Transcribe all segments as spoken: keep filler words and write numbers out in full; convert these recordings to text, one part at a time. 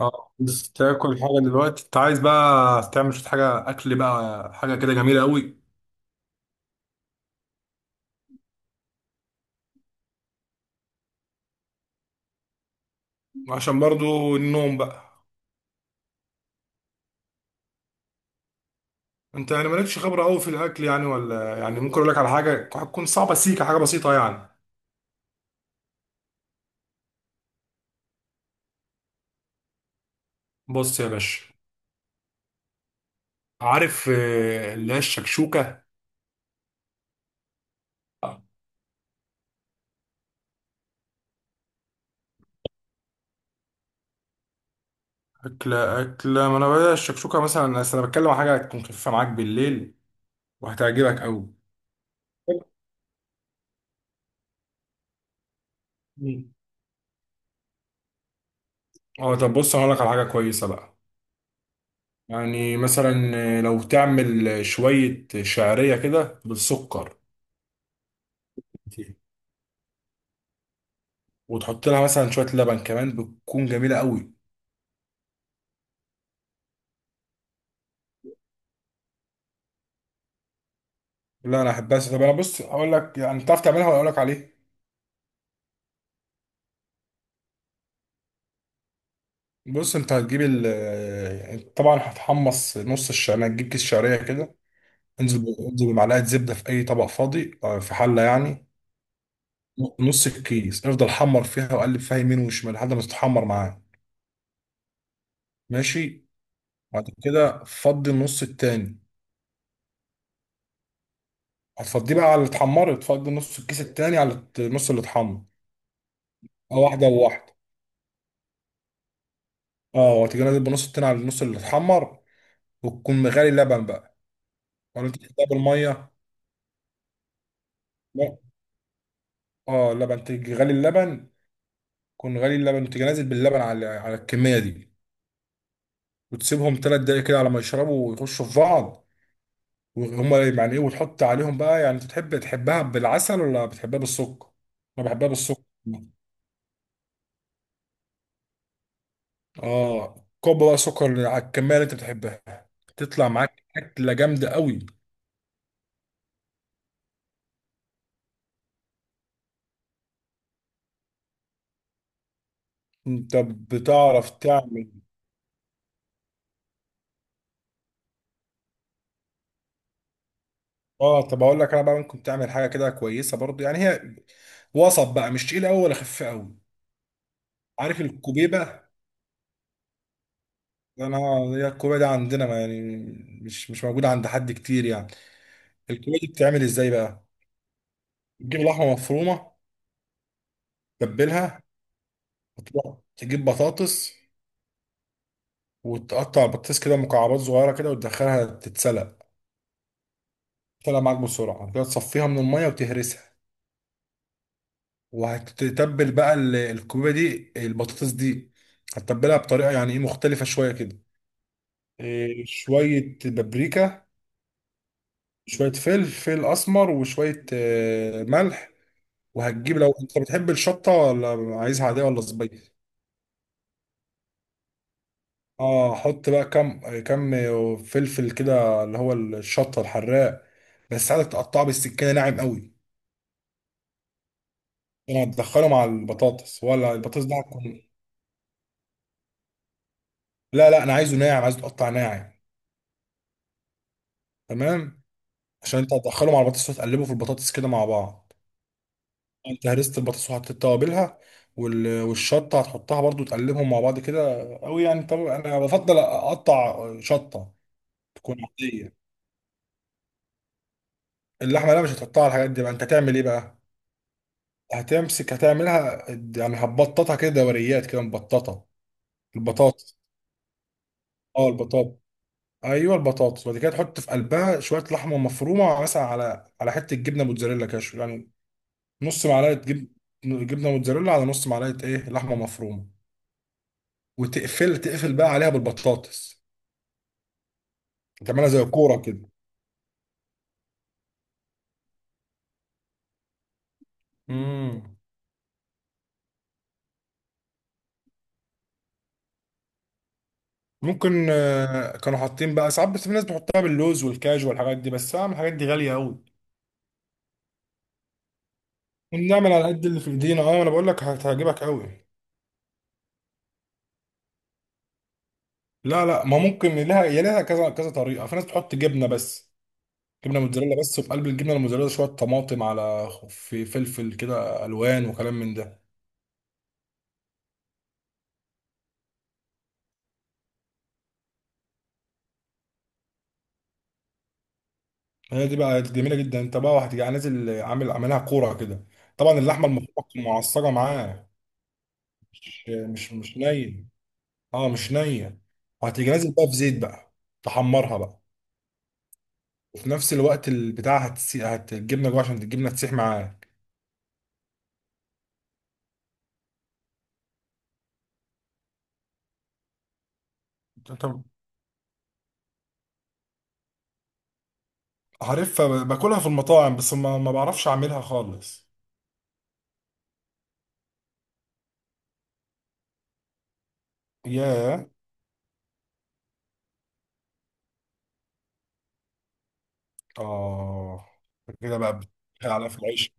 اه بس تاكل حاجه دلوقتي. انت عايز بقى تعمل شويه حاجه اكل بقى، حاجه كده جميله قوي؟ عشان برضو النوم بقى. انت يعني مالكش خبره قوي في الاكل يعني، ولا يعني ممكن اقول لك على حاجه هتكون صعبه سيكه حاجه بسيطه يعني؟ بص يا باشا، عارف آه، اللي هي الشكشوكه؟ اكله اكله، ما انا بقى الشكشوكه مثلا، أصل انا بتكلم عن حاجه هتكون خفيفه معاك بالليل وهتعجبك قوي. مم. اه طب بص، انا هقول لك على حاجه كويسه بقى. يعني مثلا لو تعمل شوية شعرية كده بالسكر، وتحط لها مثلا شوية لبن كمان، بتكون جميلة قوي. لا أنا أحبها. طب أنا بص أقول لك، يعني تعرف تعملها ولا أقول لك عليه؟ بص، أنت هتجيب ال، يعني طبعا هتحمص نص الشعرية، هتجيب كيس شعرية كده، انزل ب- انزل بمعلقة زبدة في أي طبق فاضي آه، في حلة يعني. نص الكيس افضل حمر فيها وقلب فيها يمين وشمال لحد ما تتحمر معاه. ماشي. بعد كده فضي النص التاني. هتفضيه بقى على اللي اتحمر، تفضي نص الكيس التاني على الت- النص اللي اتحمر. اه واحدة وواحدة. اه، وتيجي نازل بنص التاني على النص اللي اتحمر، وتكون مغلي اللبن بقى، ولا انت تحطها بالمية. لا، اه اللبن، تيجي غالي اللبن، تكون غالي اللبن وتيجي نازل باللبن على على الكمية دي، وتسيبهم تلات دقايق كده على ما يشربوا ويخشوا في بعض. وهما يعني ايه، وتحط عليهم بقى، يعني انت تحب تحبها بالعسل ولا بتحبها بالسكر؟ انا بحبها بالسكر. اه كوب بقى سكر على الكميه اللي انت بتحبها، تطلع معاك اكله جامده قوي. انت بتعرف تعمل؟ اه طب اقول لك انا بقى، ممكن تعمل حاجه كده كويسه برضو، يعني هي وسط بقى، مش تقيله قوي ولا خفيفه قوي. عارف الكوبيبه؟ انا، هي الكوبيبه دي عندنا، ما يعني مش مش موجوده عند حد كتير يعني. الكوبيبه دي بتتعمل ازاي بقى، تجيب لحمه مفرومه، تتبلها، وتروح تجيب بطاطس، وتقطع بطاطس كده مكعبات صغيره كده وتدخلها تتسلق. طلع معاك بسرعة كده، تصفيها من المية وتهرسها، وهتتبل بقى ال- الكوبيبة دي، البطاطس دي هتتبلها بطريقة يعني ايه مختلفة شوية كده. إيه، شوية بابريكا، شوية فلفل أسمر وشوية آه، ملح، وهتجيب لو أنت بتحب الشطة، ولا عايزها عادية ولا صبية. اه حط بقى كم كم، فلفل كده اللي هو الشطة الحراق، بس عايزك تقطعه بالسكينة ناعم قوي. يعني هتدخله مع البطاطس، ولا البطاطس ده؟ لا لا، انا عايزه ناعم، عايزه تقطع ناعم. تمام. عشان انت هتدخله مع البطاطس وتقلبه في البطاطس كده مع بعض. انت هرست البطاطس وحطيت توابلها وال- والشطه هتحطها برضو، تقلبهم مع بعض كده قوي. يعني طب انا بفضل اقطع شطه تكون عاديه. اللحمه لا مش هتقطعها. الحاجات دي بقى انت هتعمل ايه بقى، هتمسك هتعملها، يعني هتبططها كده دوريات كده مبططه. البطاطس، اه البطاطس، ايوه البطاطس. وبعد كده تحط في قلبها شويه لحمه مفرومه، مثلا على على حته جبنه موتزاريلا كده يعني، نص معلقه جب... جبنه موتزاريلا على نص معلقه ايه، لحمه مفرومه، وتقفل تقفل بقى عليها بالبطاطس، تعملها زي كوره كده. امم، ممكن آه، كانوا حاطين بقى ساعات، بس في ناس بتحطها باللوز والكاجو والحاجات دي، بس اعمل الحاجات دي غاليه قوي، ونعمل على قد اللي في ايدينا. اه انا بقول لك هتعجبك قوي. لا لا ما ممكن لها، يا لها كذا كذا طريقه، في ناس بتحط جبنه بس، جبنه موتزاريلا بس، وفي قلب الجبنه الموتزاريلا شويه طماطم على خ- في فلفل كده الوان وكلام من ده. هي دي بقى جميله جدا. انت بقى وهتبقى نازل عامل عاملها كوره كده، طبعا اللحمه المفرومه تكون معصجه معاه، مش مش مش نيه. اه مش نيه. وهتيجي نازل بقى في زيت بقى، تحمرها بقى، وفي نفس الوقت البتاع هتسي... هت الجبنه جوه عشان الجبنه تسيح معاك. طب، عارفها؟ ب- باكلها في المطاعم، بس ما, ما بعرفش اعملها خالص. ياه. اه كده بقى بتحكي على في العيش.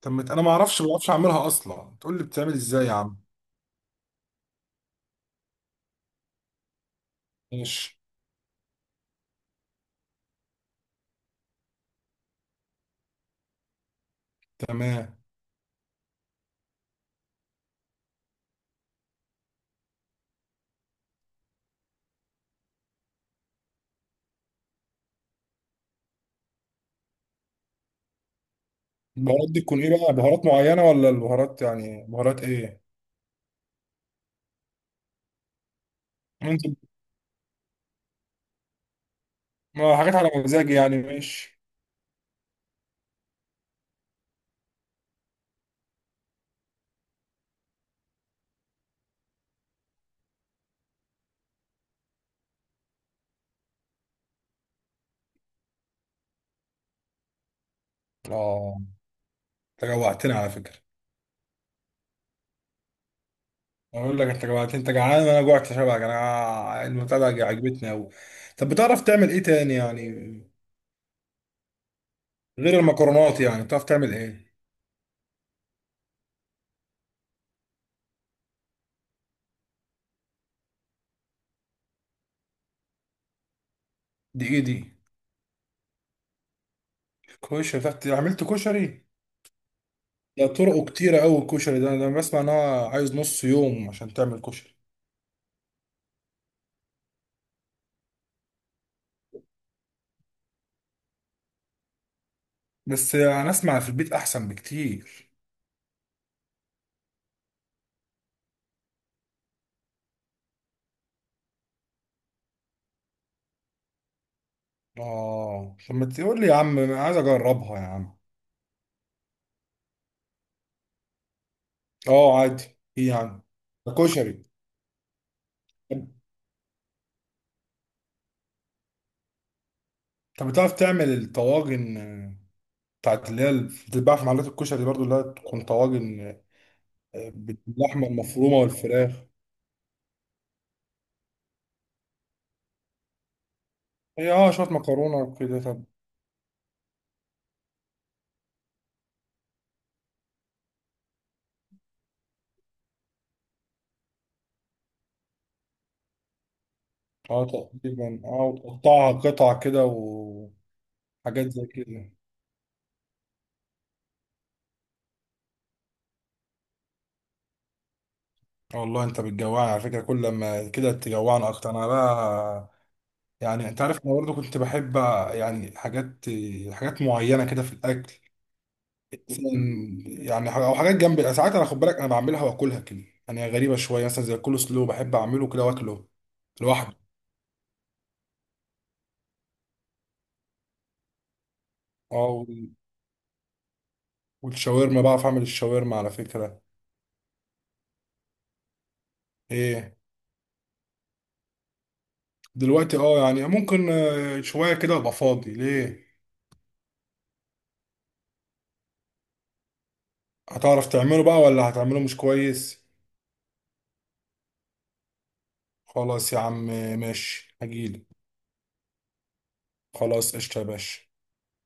طب ما ت- انا ما اعرفش، ما بعرفش اعملها اصلا، تقول لي بتعمل ازاي يا عم؟ ماشي، تمام. البهارات دي تكون ايه بقى، بهارات معينة ولا البهارات يعني بهارات ايه؟ انت، ما حاجات على مزاجي يعني، ماشي. اه انت جوعتني على فكرة. اقول لك، انت جوعتني، انت جعان وانا جوعت، شبعك انا، المتابعة دي عجبتني اوي. طب بتعرف تعمل ايه تاني يعني، غير المكرونات يعني بتعرف تعمل ايه؟ دي ايه دي؟ كشري؟ بتعرف عملت كشري؟ ده طرقه كتيرة اوي الكشري ده، انا بسمع ان هو عايز نص يوم عشان تعمل كشري. بس انا اسمع في البيت احسن بكتير. اه طب ما تقول لي يا عم، انا عايز اجربها يا عم. اه عادي. ايه يعني، ده كشري. طب بتعرف تعمل الطواجن آه، بتاعت اللي هي اللي بتتباع في محلات الكشري برضو، اللي هي تكون طواجن، آه، باللحمه المفرومه والفراخ؟ هي اه شويه مكرونه وكده. طب اه تقريبا، اه وتقطعها قطع كده وحاجات زي كده. والله انت بتجوعني على فكره، كل ما كده تجوعني اكتر انا بقى. يعني انت عارف انا برضه كنت بحب يعني حاجات، حاجات معينه كده في الاكل، مثلاً، يعني او حاجات جنب ساعات، انا خد بالك انا بعملها واكلها كده، يعني هي غريبه شويه، مثلا زي الكول سلو بحب اعمله كده واكله لوحده. اه وال- والشاورما بعرف اعمل الشاورما على فكره. ايه؟ دلوقتي، اه يعني ممكن آه، شويه كده ابقى فاضي ليه. هتعرف تعمله بقى، ولا هتعمله مش كويس؟ خلاص يا عم، ماشي هجيلك. خلاص قشطه يا باشا.